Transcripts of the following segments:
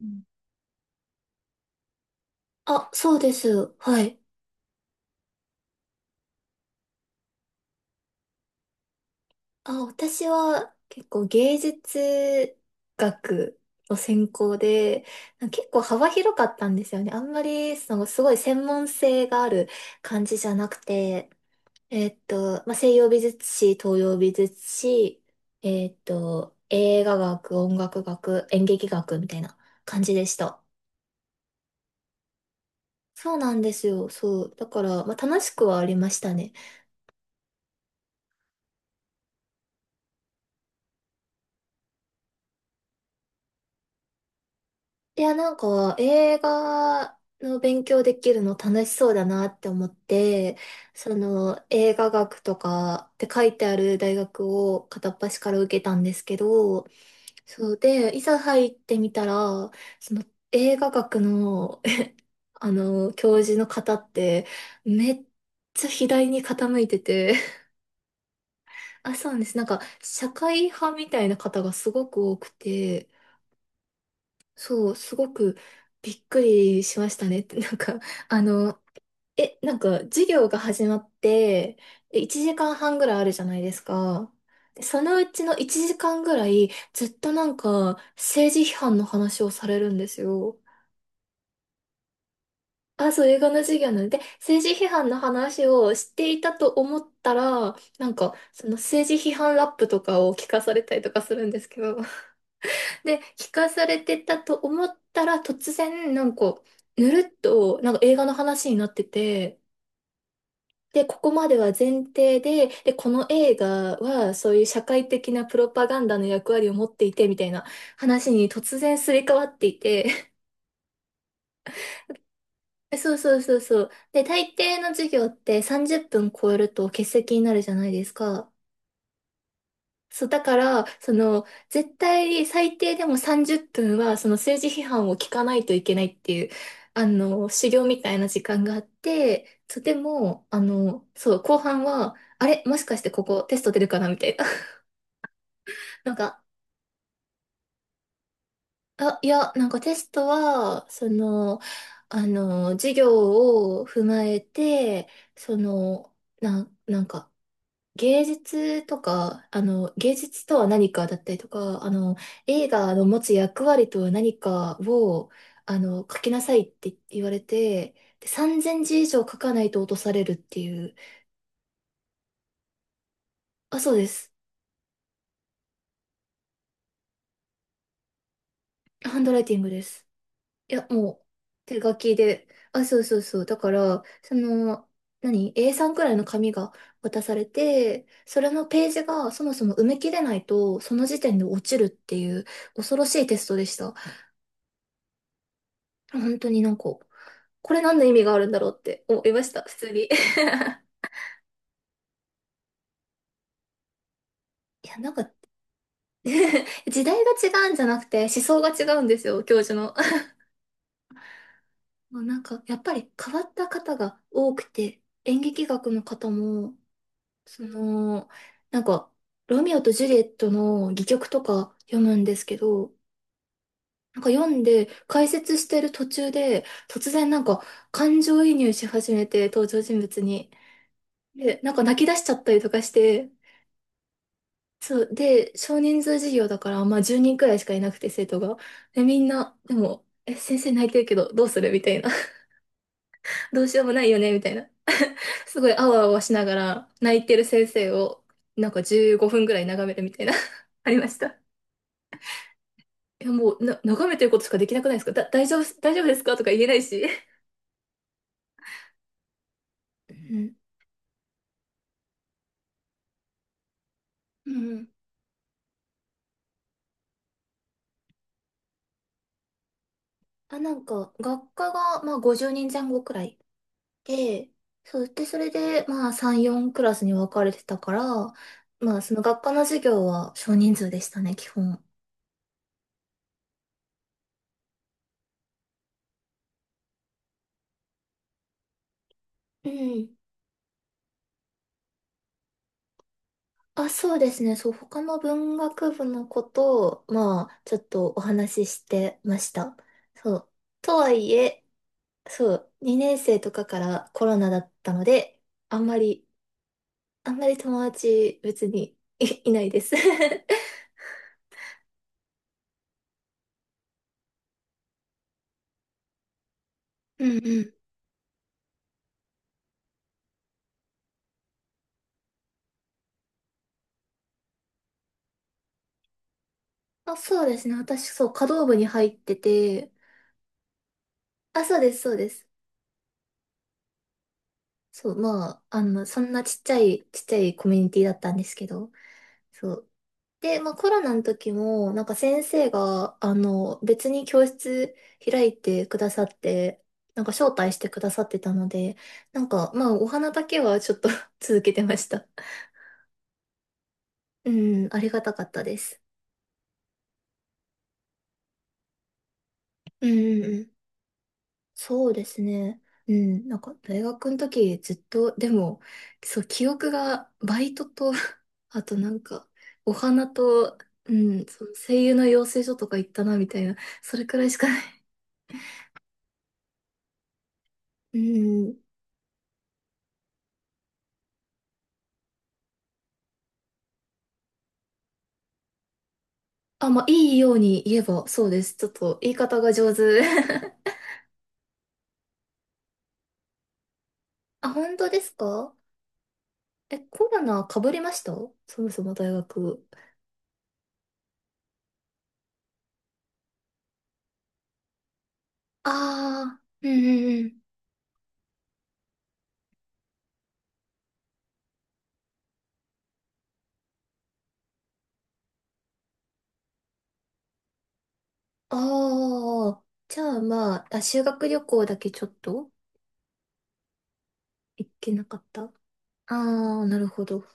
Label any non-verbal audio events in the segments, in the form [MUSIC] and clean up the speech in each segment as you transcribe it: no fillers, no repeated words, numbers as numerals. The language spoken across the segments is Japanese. うん。あ、そうです。はい。あ、私は結構芸術学の専攻で、結構幅広かったんですよね。あんまり、その、すごい専門性がある感じじゃなくて、まあ、西洋美術史、東洋美術史、映画学、音楽学、演劇学みたいな感じでした。そうなんですよ。そう。だから、まあ、楽しくはありましたね。いや、なんか映画の勉強できるの楽しそうだなって思って、その映画学とかって書いてある大学を片っ端から受けたんですけど、そうで、いざ入ってみたら、その映画学の、[LAUGHS] あの、教授の方ってめっちゃ左に傾いてて、[LAUGHS] あ、そうなんです。なんか社会派みたいな方がすごく多くて、そう、すごくびっくりしましたね。[LAUGHS] なんか、あの、なんか、授業が始まって、1時間半ぐらいあるじゃないですか。でそのうちの1時間ぐらい、ずっとなんか、政治批判の話をされるんですよ。あ、そう、映画の授業なので、政治批判の話をしていたと思ったら、なんか、その政治批判ラップとかを聞かされたりとかするんですけど、で、聞かされてたと思ったら、突然、なんか、ぬるっと、なんか映画の話になってて、で、ここまでは前提で、で、この映画は、そういう社会的なプロパガンダの役割を持っていて、みたいな話に突然すり替わっていて、[LAUGHS] そうそうそうそう。で、大抵の授業って30分超えると欠席になるじゃないですか。そう、だから、その、絶対最低でも30分は、その政治批判を聞かないといけないっていう、あの、修行みたいな時間があって、そう、でも、あの、そう、後半は、あれ、もしかしてここテスト出るかなみたいな。[LAUGHS] なんか、あ、いや、なんかテストは、その、あの、授業を踏まえて、その、なんか、芸術とか、あの、芸術とは何かだったりとか、あの、映画の持つ役割とは何かを、あの、書きなさいって言われて、で、3000字以上書かないと落とされるっていう。あ、そうです。ハンドライティングです。いや、もう、手書きで。あ、そうそうそう。だから、その、何？ A3 くらいの紙が渡されて、それのページがそもそも埋め切れないと、その時点で落ちるっていう恐ろしいテストでした。本当になんか、これ何の意味があるんだろうって思いました、普通に。[LAUGHS] いや、なんか [LAUGHS] 時代が違うんじゃなくて思想が違うんですよ、教授の。まあなんか、やっぱり変わった方が多くて、演劇学の方も、その、なんか、ロミオとジュリエットの戯曲とか読むんですけど、なんか読んで解説してる途中で、突然なんか感情移入し始めて、登場人物に。で、なんか泣き出しちゃったりとかして、そう。で、少人数授業だから、まあ10人くらいしかいなくて、生徒が。で、みんな、でも、先生泣いてるけど、どうするみたいな。[LAUGHS] どうしようもないよねみたいな。すごい、あわあわしながら、泣いてる先生を、なんか15分くらい眺めるみたいな。[LAUGHS] ありました。いや、もう、眺めてることしかできなくないですか。大丈夫、大丈夫ですかとか言えないし。うん。うん。あ、なんか、学科が、まあ、50人前後くらいで、そう、で、それで、まあ、3、4クラスに分かれてたから、まあ、その学科の授業は少人数でしたね、基本。うん。あ、そうですね。そう、他の文学部の子と、まあ、ちょっとお話ししてました。そう。とはいえ、そう、2年生とかからコロナだったので、あんまり、あんまり友達別に [LAUGHS] いないです。[LAUGHS] うんうん。あ、そうですね。私、そう、華道部に入ってて、あ、そうです、そうです。そう、まあ、あの、そんなちっちゃい、ちっちゃいコミュニティだったんですけど、そう。で、まあ、コロナの時も、なんか先生が、あの、別に教室開いてくださって、なんか招待してくださってたので、なんか、まあ、お花だけはちょっと [LAUGHS] 続けてました。うん、ありがたかったです。うん、うんうん。そうですね。うん、なんか大学の時ずっと、でも、そう、記憶がバイトと、[LAUGHS] あとなんか、お花と、うん、その声優の養成所とか行ったな、みたいな、それくらいしかない。[LAUGHS] うん。あ、まあ、いいように言えば、そうです。ちょっと言い方が上手。[LAUGHS] あ、本当ですか？コロナ被りました？そもそも大学。ああ、うんうんうん。ああ、じゃあまあ、あ、修学旅行だけちょっと行ってなかった。ああー、なるほど。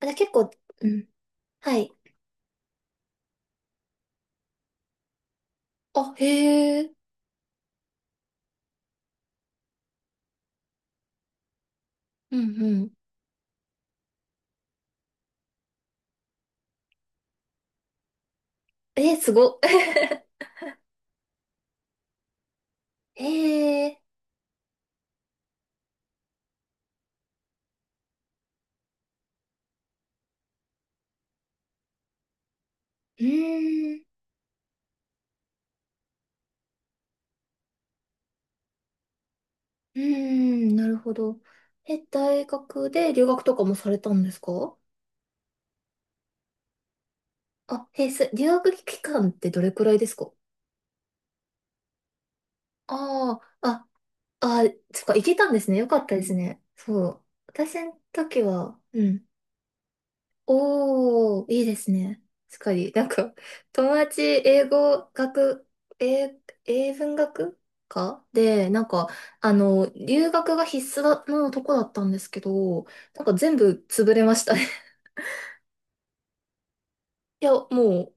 あ、じゃあ結構、うん。はい。あ、へえ。うんうん。えー、すご。[LAUGHS] へえ。うーん。うーん、なるほど。大学で留学とかもされたんですか？あ、へえ、留学期間ってどれくらいですか？ああ、あ、あ、そっか、行けたんですね。よかったですね。そう。私の時は、うん。おー、いいですね。確かに。なんか、友達、英語学、英、英文学科で、なんか、あの、留学が必須だのとこだったんですけど、なんか全部潰れましたね。[LAUGHS] いや、もう、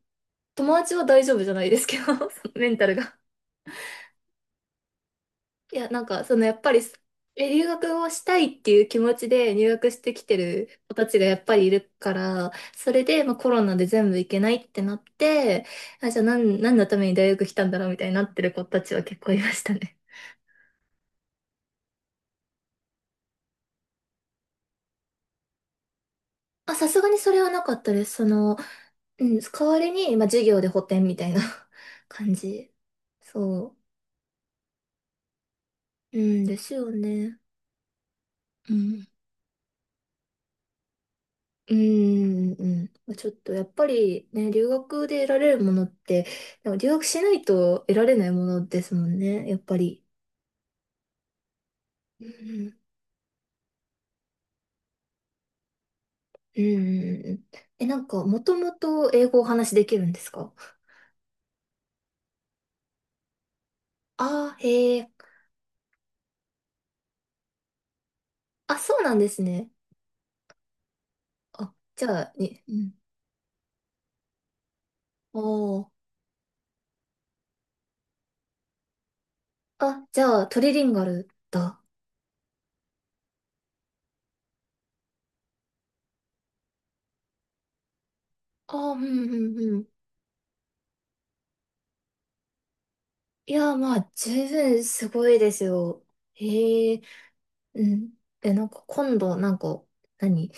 友達は大丈夫じゃないですけど、[LAUGHS] そのメンタルが。いや、なんか、その、やっぱり、留学をしたいっていう気持ちで入学してきてる子たちがやっぱりいるから、それで、まあ、コロナで全部行けないってなって、あ、じゃあ何のために大学来たんだろうみたいになってる子たちは結構いましたね。あ、さすがにそれはなかったです。その、うん、代わりに、まあ、授業で補填みたいな [LAUGHS] 感じ。そう。うんですよね。うん。うーん、うん。ちょっとやっぱりね、留学で得られるものって、でも留学しないと得られないものですもんね、やっぱり。うん、うん、うんうん。なんか、もともと英語をお話しできるんですか？ああー、へえ。あ、そうなんですね。あ、じゃあ、うん。おー。あ、じゃあ、トリリンガルだ。ああ、うん、うん、うん。いやー、まあ、十分すごいですよ。へえ、うん。なんか、今度、なんか、何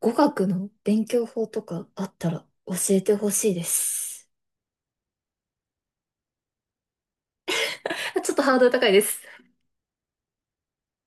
語学の勉強法とかあったら教えてほしいです。ちょっとハードル高いです。